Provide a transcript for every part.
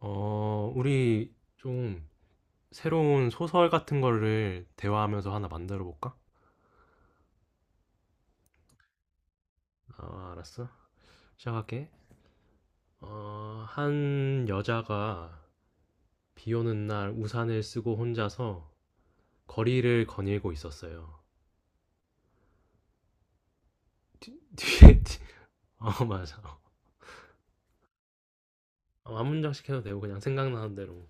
우리 좀 새로운 소설 같은 거를 대화하면서 하나 만들어 볼까? 아, 알았어. 시작할게. 한 여자가 비 오는 날 우산을 쓰고 혼자서 거리를 거닐고 있었어요. 뒤- 뒤에, 뒤- 어, 맞아. 한 문장씩 해도 되고 그냥 생각나는 대로.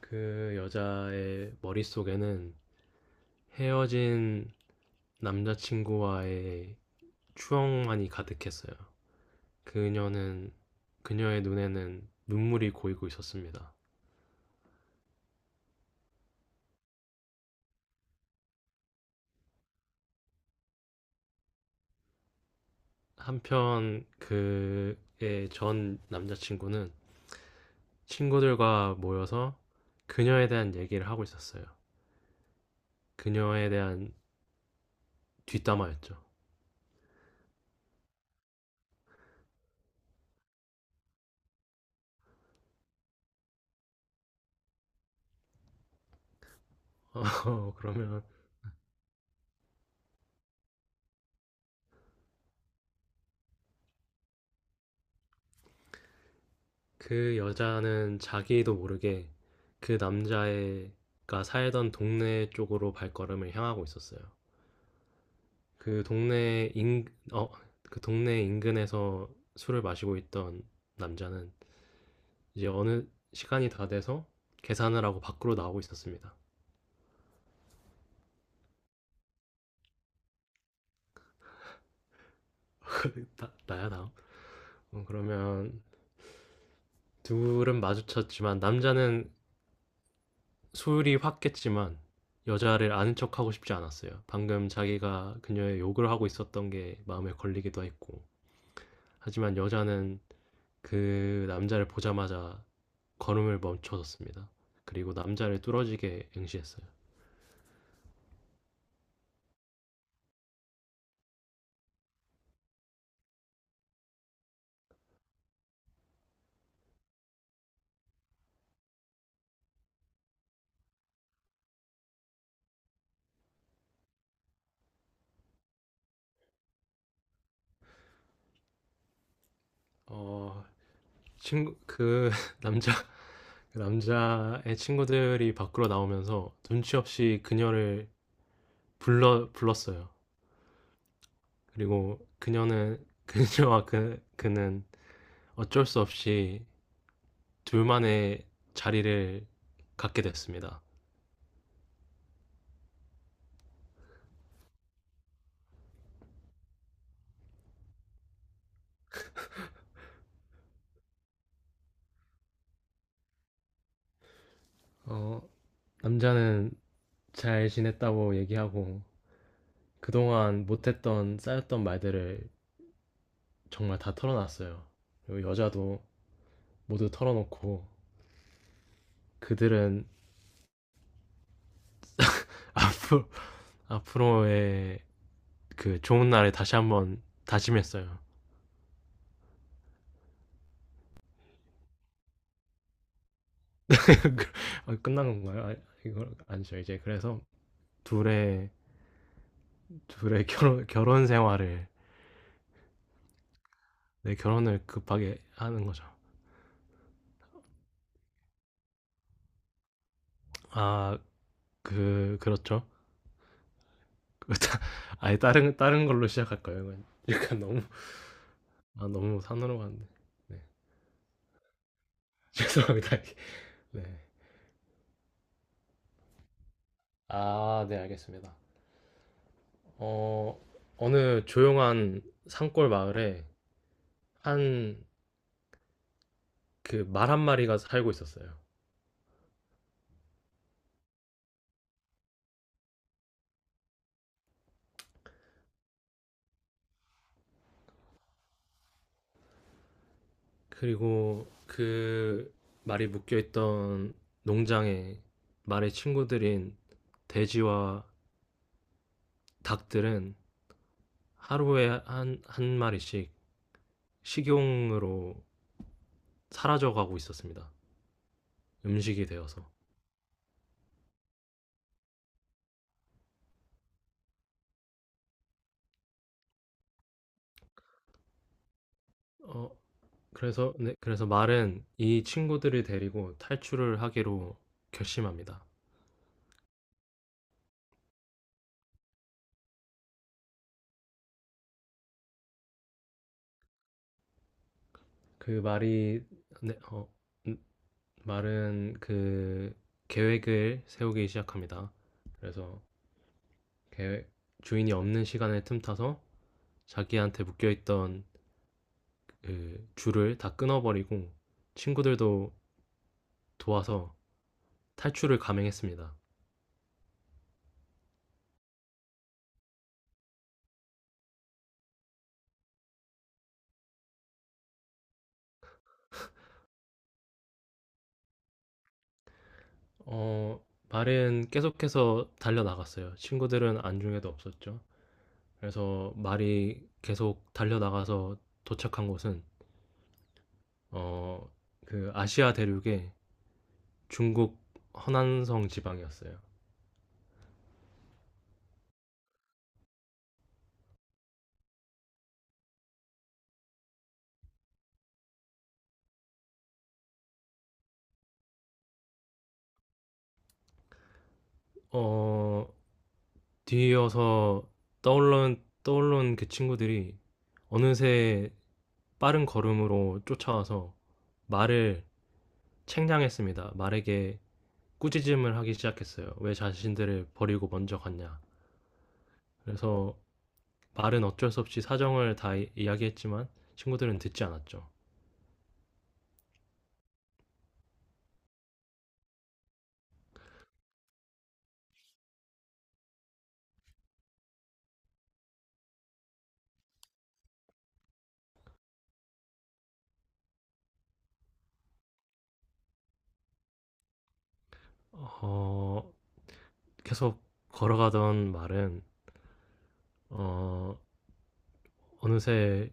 그 여자의 머릿속에는 헤어진 남자친구와의 추억만이 가득했어요. 그녀는 그녀의 눈에는 눈물이 고이고 있었습니다. 한편 그의 전 남자친구는 친구들과 모여서 그녀에 대한 얘기를 하고 있었어요. 그녀에 대한 뒷담화였죠. 그러면 그 여자는 자기도 모르게 그 남자애가 살던 동네 쪽으로 발걸음을 향하고 있었어요. 그 동네 인, 어, 그 동네 인근에서 술을 마시고 있던 남자는 이제 어느 시간이 다 돼서 계산을 하고 밖으로 나오고 있었습니다. 나야 다음. 그러면 둘은 마주쳤지만 남자는 술이 확깼지만 여자를 아는 척하고 싶지 않았어요. 방금 자기가 그녀의 욕을 하고 있었던 게 마음에 걸리기도 했고. 하지만 여자는 그 남자를 보자마자 걸음을 멈춰섰습니다. 그리고 남자를 뚫어지게 응시했어요. 어, 친구, 그 남자 그 남자의 친구들이 밖으로 나오면서 눈치 없이 그녀를 불러 불렀어요. 그리고 그녀는 그녀와 그 그는 어쩔 수 없이 둘만의 자리를 갖게 됐습니다. 어, 남자는 잘 지냈다고 얘기하고 그동안 못했던 쌓였던 말들을 정말 다 털어놨어요. 그리고 여자도 모두 털어놓고 그들은 앞으로 앞으로의 그 좋은 날에 다시 한번 다짐했어요. 아, 끝난 건가요? 아, 이거 아니죠. 이제 그래서 둘의 둘의 결혼 생활을, 네, 결혼을 급하게 하는 거죠. 아, 그렇죠. 아예 다른 걸로 시작할 거예요. 약간 너무, 아, 너무 산으로 갔는데. 네. 죄송합니다. 네. 아, 네, 알겠습니다. 어느 조용한 산골 마을에 한 그 말 한 마리가 살고 있었어요. 그리고 그 말이 묶여있던 농장에 말의 친구들인 돼지와 닭들은 하루에 한 마리씩 식용으로 사라져가고 있었습니다. 음식이 되어서. 어, 네, 그래서 말은 이 친구들을 데리고 탈출을 하기로 결심합니다. 그 말이, 네, 음, 말은 그 계획을 세우기 시작합니다. 그래서 주인이 없는 시간을 틈타서 자기한테 묶여있던 그 줄을 다 끊어버리고 친구들도 도와서 탈출을 감행했습니다. 말은 계속해서 달려나갔어요. 친구들은 안중에도 없었죠. 그래서 말이 계속 달려나가서 도착한 곳은 어, 그 아시아 대륙의 중국 허난성 지방이었어요. 어, 뒤이어서 떠올른 그 친구들이 어느새 빠른 걸음으로 쫓아와서 말을 책량했습니다. 말에게 꾸짖음을 하기 시작했어요. 왜 자신들을 버리고 먼저 갔냐. 그래서 말은 어쩔 수 없이 사정을 다 이야기했지만 친구들은 듣지 않았죠. 어, 계속 걸어가던 말은 어, 어느새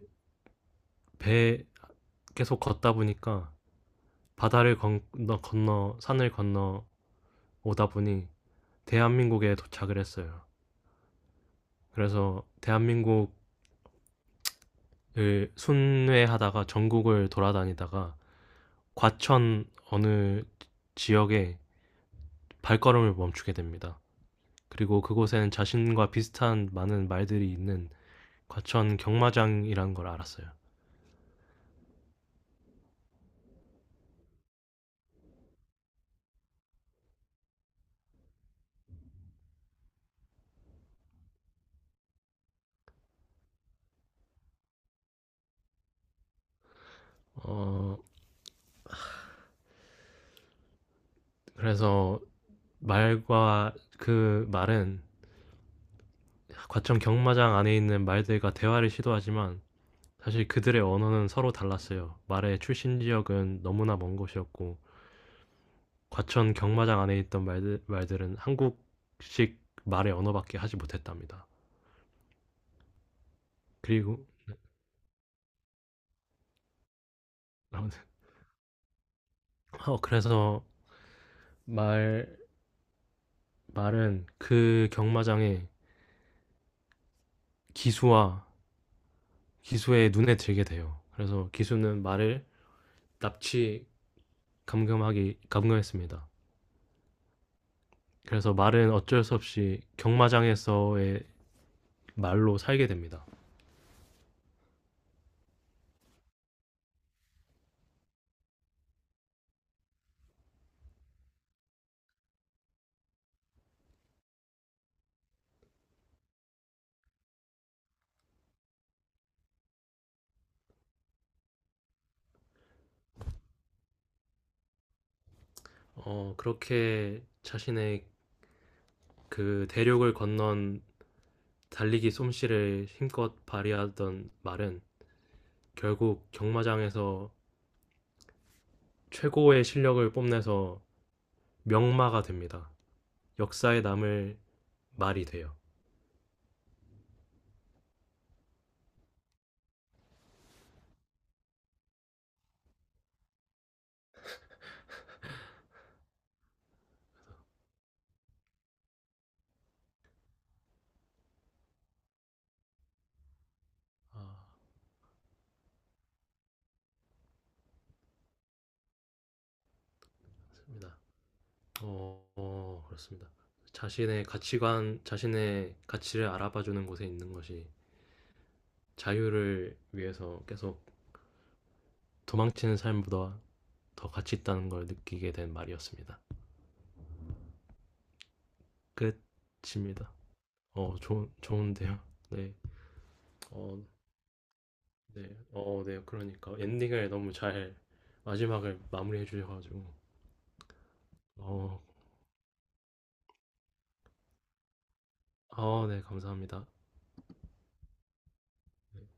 배 계속 걷다 보니까 바다를 건너 산을 건너 오다 보니 대한민국에 도착을 했어요. 그래서 대한민국을 순회하다가 전국을 돌아다니다가 과천 어느 지역에 발걸음을 멈추게 됩니다. 그리고 그곳엔 자신과 비슷한 많은 말들이 있는 과천 경마장이라는 걸 알았어요. 어, 그래서 말과 그 말은 과천 경마장 안에 있는 말들과 대화를 시도하지만 사실 그들의 언어는 서로 달랐어요. 말의 출신 지역은 너무나 먼 곳이었고 과천 경마장 안에 있던 말들은 한국식 말의 언어밖에 하지 못했답니다. 그리고 어, 그래서 말 말은 그 경마장의 기수와 기수의 눈에 들게 돼요. 그래서 기수는 말을 납치 감금하기 감금했습니다. 그래서 말은 어쩔 수 없이 경마장에서의 말로 살게 됩니다. 어, 그렇게 자신의 그 대륙을 건넌 달리기 솜씨를 힘껏 발휘하던 말은 결국 경마장에서 최고의 실력을 뽐내서 명마가 됩니다. 역사에 남을 말이 돼요. 아, 맞습니다. 그렇습니다. 자신의 가치관, 자신의 가치를 알아봐주는 곳에 있는 것이 자유를 위해서 계속 도망치는 삶보다 더 가치 있다는 걸 느끼게 된 말이었습니다. 끝입니다. 어, 좋은데요? 네. 어, 네, 네, 그러니까 엔딩을 너무 잘, 마지막을 마무리해 주셔가지고, 어, 아, 네, 감사합니다. 네.